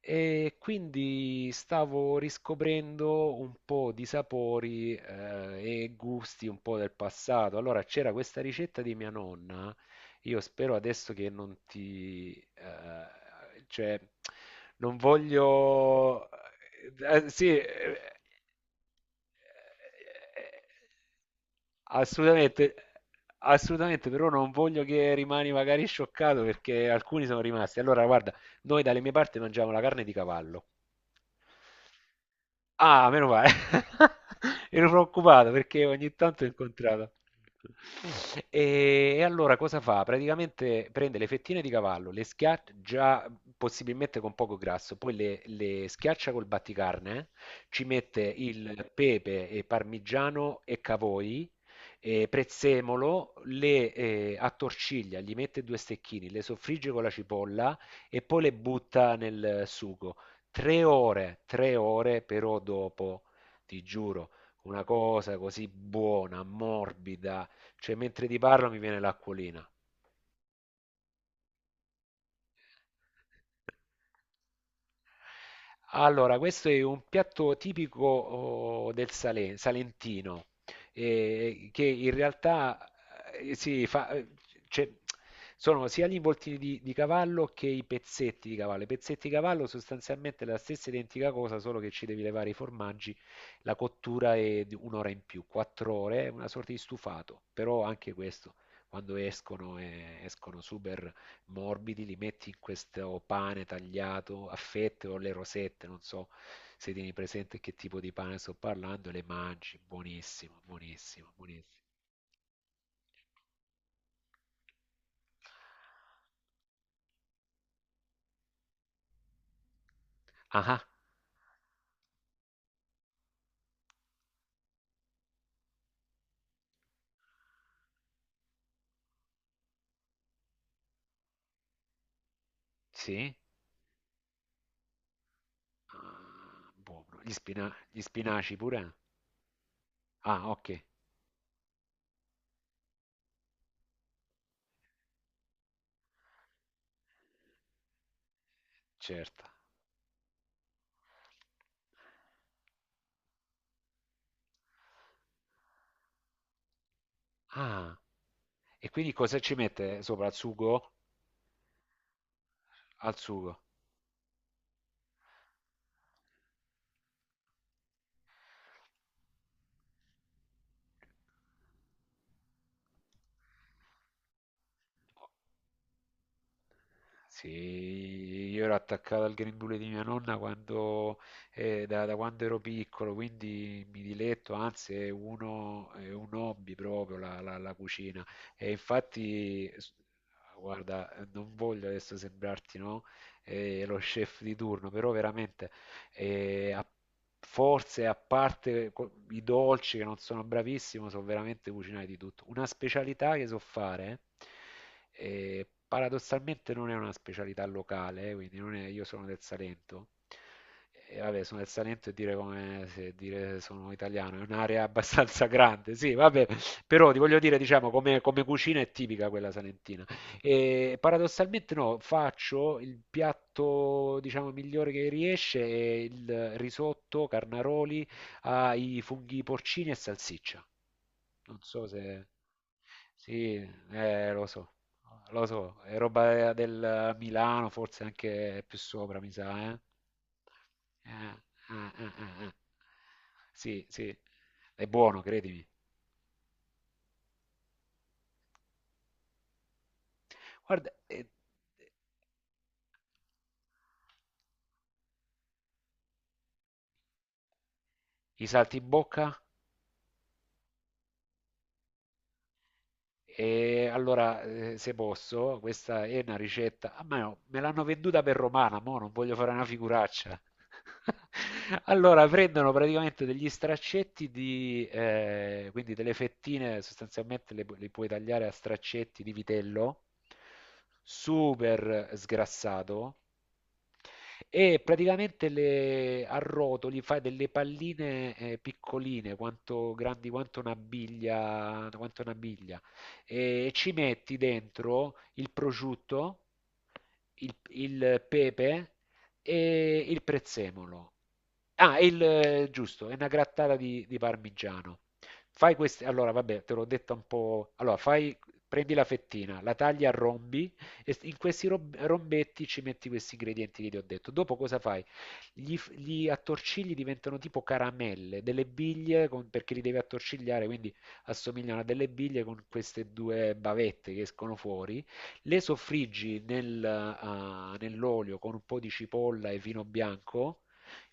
E quindi stavo riscoprendo un po' di sapori e gusti un po' del passato. Allora c'era questa ricetta di mia nonna. Io spero adesso che non ti, cioè, non voglio. Sì. Assolutamente, assolutamente, però non voglio che rimani magari scioccato perché alcuni sono rimasti. Allora, guarda, noi dalle mie parti mangiamo la carne di cavallo. Ah, meno male. Ero preoccupato perché ogni tanto ho incontrato. E allora cosa fa? Praticamente prende le fettine di cavallo, le schiaccia, già possibilmente con poco grasso, poi le schiaccia col batticarne, ci mette il pepe e parmigiano e cavoi, e prezzemolo, le attorciglia, gli mette due stecchini, le soffrigge con la cipolla e poi le butta nel sugo. 3 ore, 3 ore però dopo, ti giuro, una cosa così buona, morbida, cioè mentre ti parlo mi viene l'acquolina. Allora, questo è un piatto tipico oh, del Salentino, che in realtà si fa, cioè, sono sia gli involtini di cavallo che i pezzetti di cavallo. I pezzetti di cavallo sostanzialmente è la stessa identica cosa, solo che ci devi levare i formaggi, la cottura è di un'ora in più, 4 ore, è una sorta di stufato, però anche questo, quando escono, escono super morbidi, li metti in questo pane tagliato a fette o le rosette, non so se tieni presente che tipo di pane sto parlando, e le mangi, buonissimo, buonissimo, buonissimo. Ah, ah, sì? Ah, buono. Gli spinaci pure? Ah, ok, certo. Ah, e quindi cosa ci mette sopra? Al sugo? Al sugo. Sì, io ero attaccato al grembiule di mia nonna quando, da quando ero piccolo, quindi mi diletto, anzi è, uno, è un hobby proprio la cucina. E infatti, guarda, non voglio adesso sembrarti, no? Lo chef di turno, però veramente e a- forse a parte i dolci che non sono bravissimo, so veramente cucinare di tutto. Una specialità che so fare, paradossalmente non è una specialità locale, quindi non è- io sono del Salento. E vabbè, sono del Salento e dire come se dire sono italiano è un'area abbastanza grande, sì, vabbè, però ti voglio dire, diciamo, come cucina è tipica quella salentina. E paradossalmente no, faccio il piatto, diciamo, migliore che riesce, è il risotto carnaroli ai funghi porcini e salsiccia. Non so se. Sì, eh, lo so, lo so, è roba del Milano, forse anche più sopra, mi sa. Eh, eh, eh, eh, eh. Sì, sì, è buono, credimi. Guarda, i saltimbocca. E allora, se posso, questa è una ricetta. Ah, ma no, me l'hanno venduta per romana, mo non voglio fare una figuraccia. Allora, prendono praticamente degli straccetti quindi delle fettine, sostanzialmente le puoi tagliare a straccetti di vitello, super sgrassato, e praticamente le arrotoli, fai delle palline, piccoline, quanto grandi quanto una biglia e ci metti dentro il prosciutto, il pepe e il prezzemolo. Ah, giusto, è una grattata di parmigiano. Fai queste, allora vabbè, te l'ho detto un po'. Allora, fai, prendi la fettina, la tagli a rombi e in questi rombetti ci metti questi ingredienti che ti ho detto. Dopo cosa fai? Gli attorcigli diventano tipo caramelle, delle biglie perché li devi attorcigliare, quindi assomigliano a delle biglie con queste due bavette che escono fuori. Le soffriggi nell'olio con un po' di cipolla e vino bianco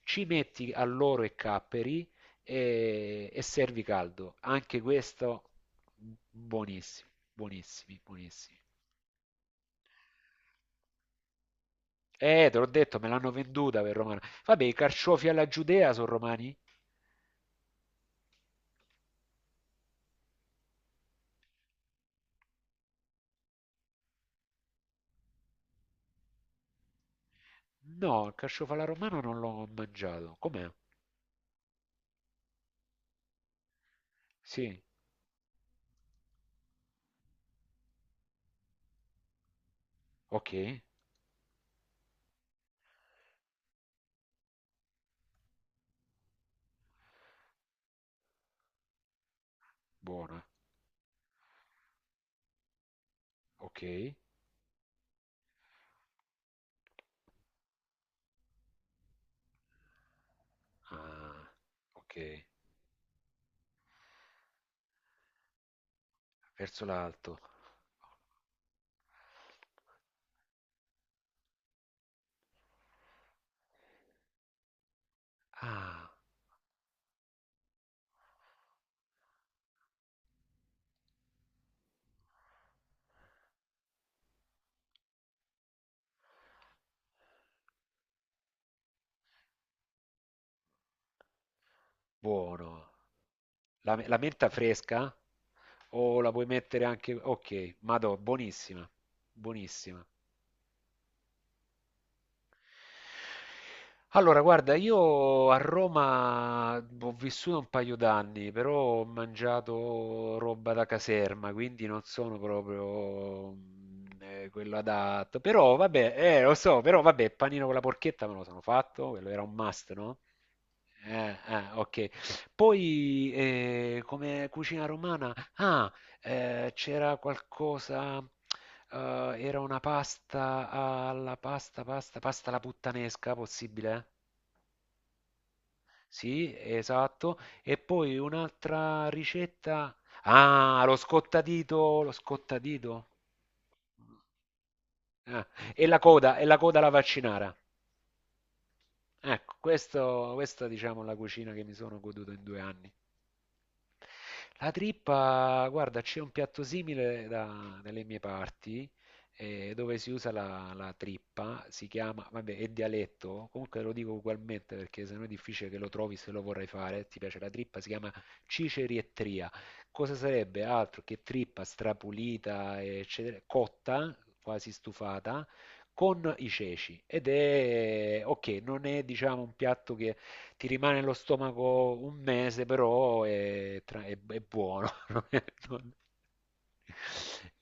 ci metti alloro e capperi e servi caldo. Anche questo buonissimo, buonissimi, buonissimi. Te l'ho detto, me l'hanno venduta per romana. Vabbè, i carciofi alla giudea sono romani? No, il carciofo alla romana non l'ho mangiato. Com'è? Sì, ok, buona, ok. Ah, ok, verso l'alto. Ah, buono. La menta fresca? O la puoi mettere anche. Ok, madò, buonissima, buonissima. Allora, guarda, io a Roma ho vissuto un paio d'anni, però ho mangiato roba da caserma, quindi non sono proprio quello adatto. Però vabbè, lo so, però vabbè, panino con la porchetta me lo sono fatto, quello era un must, no? Ok. Poi come cucina romana, c'era qualcosa, era una pasta alla puttanesca, possibile? Sì, esatto. E poi un'altra ricetta, ah, lo scottadito, lo scottadito. Ah, e la coda alla vaccinara. Ecco, questa diciamo è la cucina che mi sono goduto in 2 anni. La trippa, guarda, c'è un piatto simile dalle mie parti, dove si usa la trippa, si chiama, vabbè, è dialetto, comunque lo dico ugualmente perché sennò è difficile che lo trovi se lo vorrai fare, ti piace la trippa, si chiama cicerietria. Cosa sarebbe altro che trippa strapulita, eccetera, cotta, quasi stufata, con i ceci. Ed è, ok, non è diciamo un piatto che ti rimane allo stomaco un mese, però è buono. non è- non-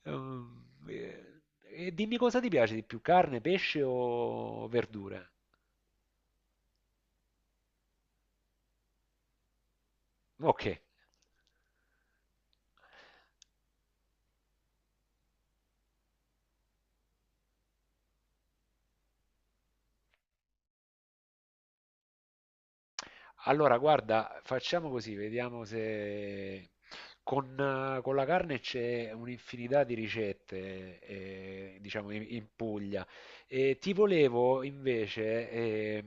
Ehm, eh, E dimmi cosa ti piace di più, carne, pesce o verdure? Ok. Allora, guarda, facciamo così, vediamo se con la carne c'è un'infinità di ricette, diciamo, in Puglia. E ti volevo invece,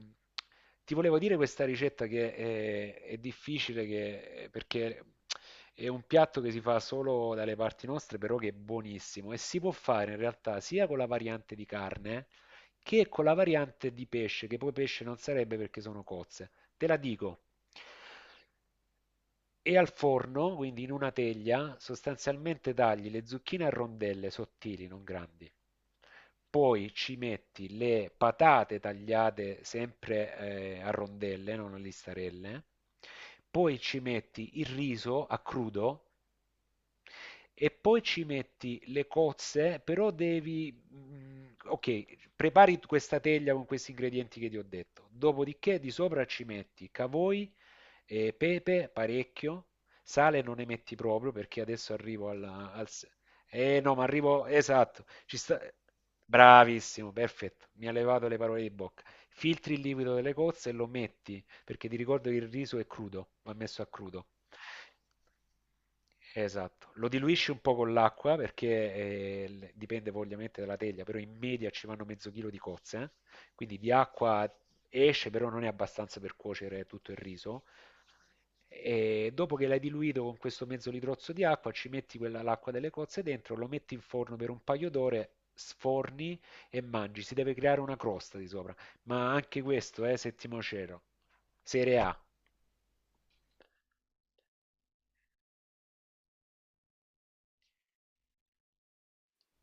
ti volevo dire questa ricetta che difficile perché è un piatto che si fa solo dalle parti nostre, però che è buonissimo e si può fare in realtà sia con la variante di carne che con la variante di pesce, che poi pesce non sarebbe perché sono cozze. Te la dico. E al forno, quindi in una teglia, sostanzialmente tagli le zucchine a rondelle sottili, non grandi. Poi ci metti le patate tagliate sempre a rondelle, non a listarelle. Poi ci metti il riso a crudo e poi ci metti le cozze, però devi. Ok, prepari questa teglia con questi ingredienti che ti ho detto. Dopodiché di sopra ci metti cavoi, e pepe parecchio, sale non ne metti proprio perché adesso arrivo al. Eh no, ma arrivo. Esatto, ci sta. Bravissimo, perfetto, mi ha levato le parole di bocca. Filtri il liquido delle cozze e lo metti, perché ti ricordo che il riso è crudo, va messo a crudo. Esatto, lo diluisci un po' con l'acqua perché dipende poi ovviamente dalla teglia, però in media ci vanno mezzo chilo di cozze. Quindi di acqua esce, però non è abbastanza per cuocere tutto il riso. E dopo che l'hai diluito con questo mezzo litrozzo di acqua, ci metti l'acqua delle cozze dentro, lo metti in forno per un paio d'ore, sforni e mangi. Si deve creare una crosta di sopra, ma anche questo è settimo cielo, serie A.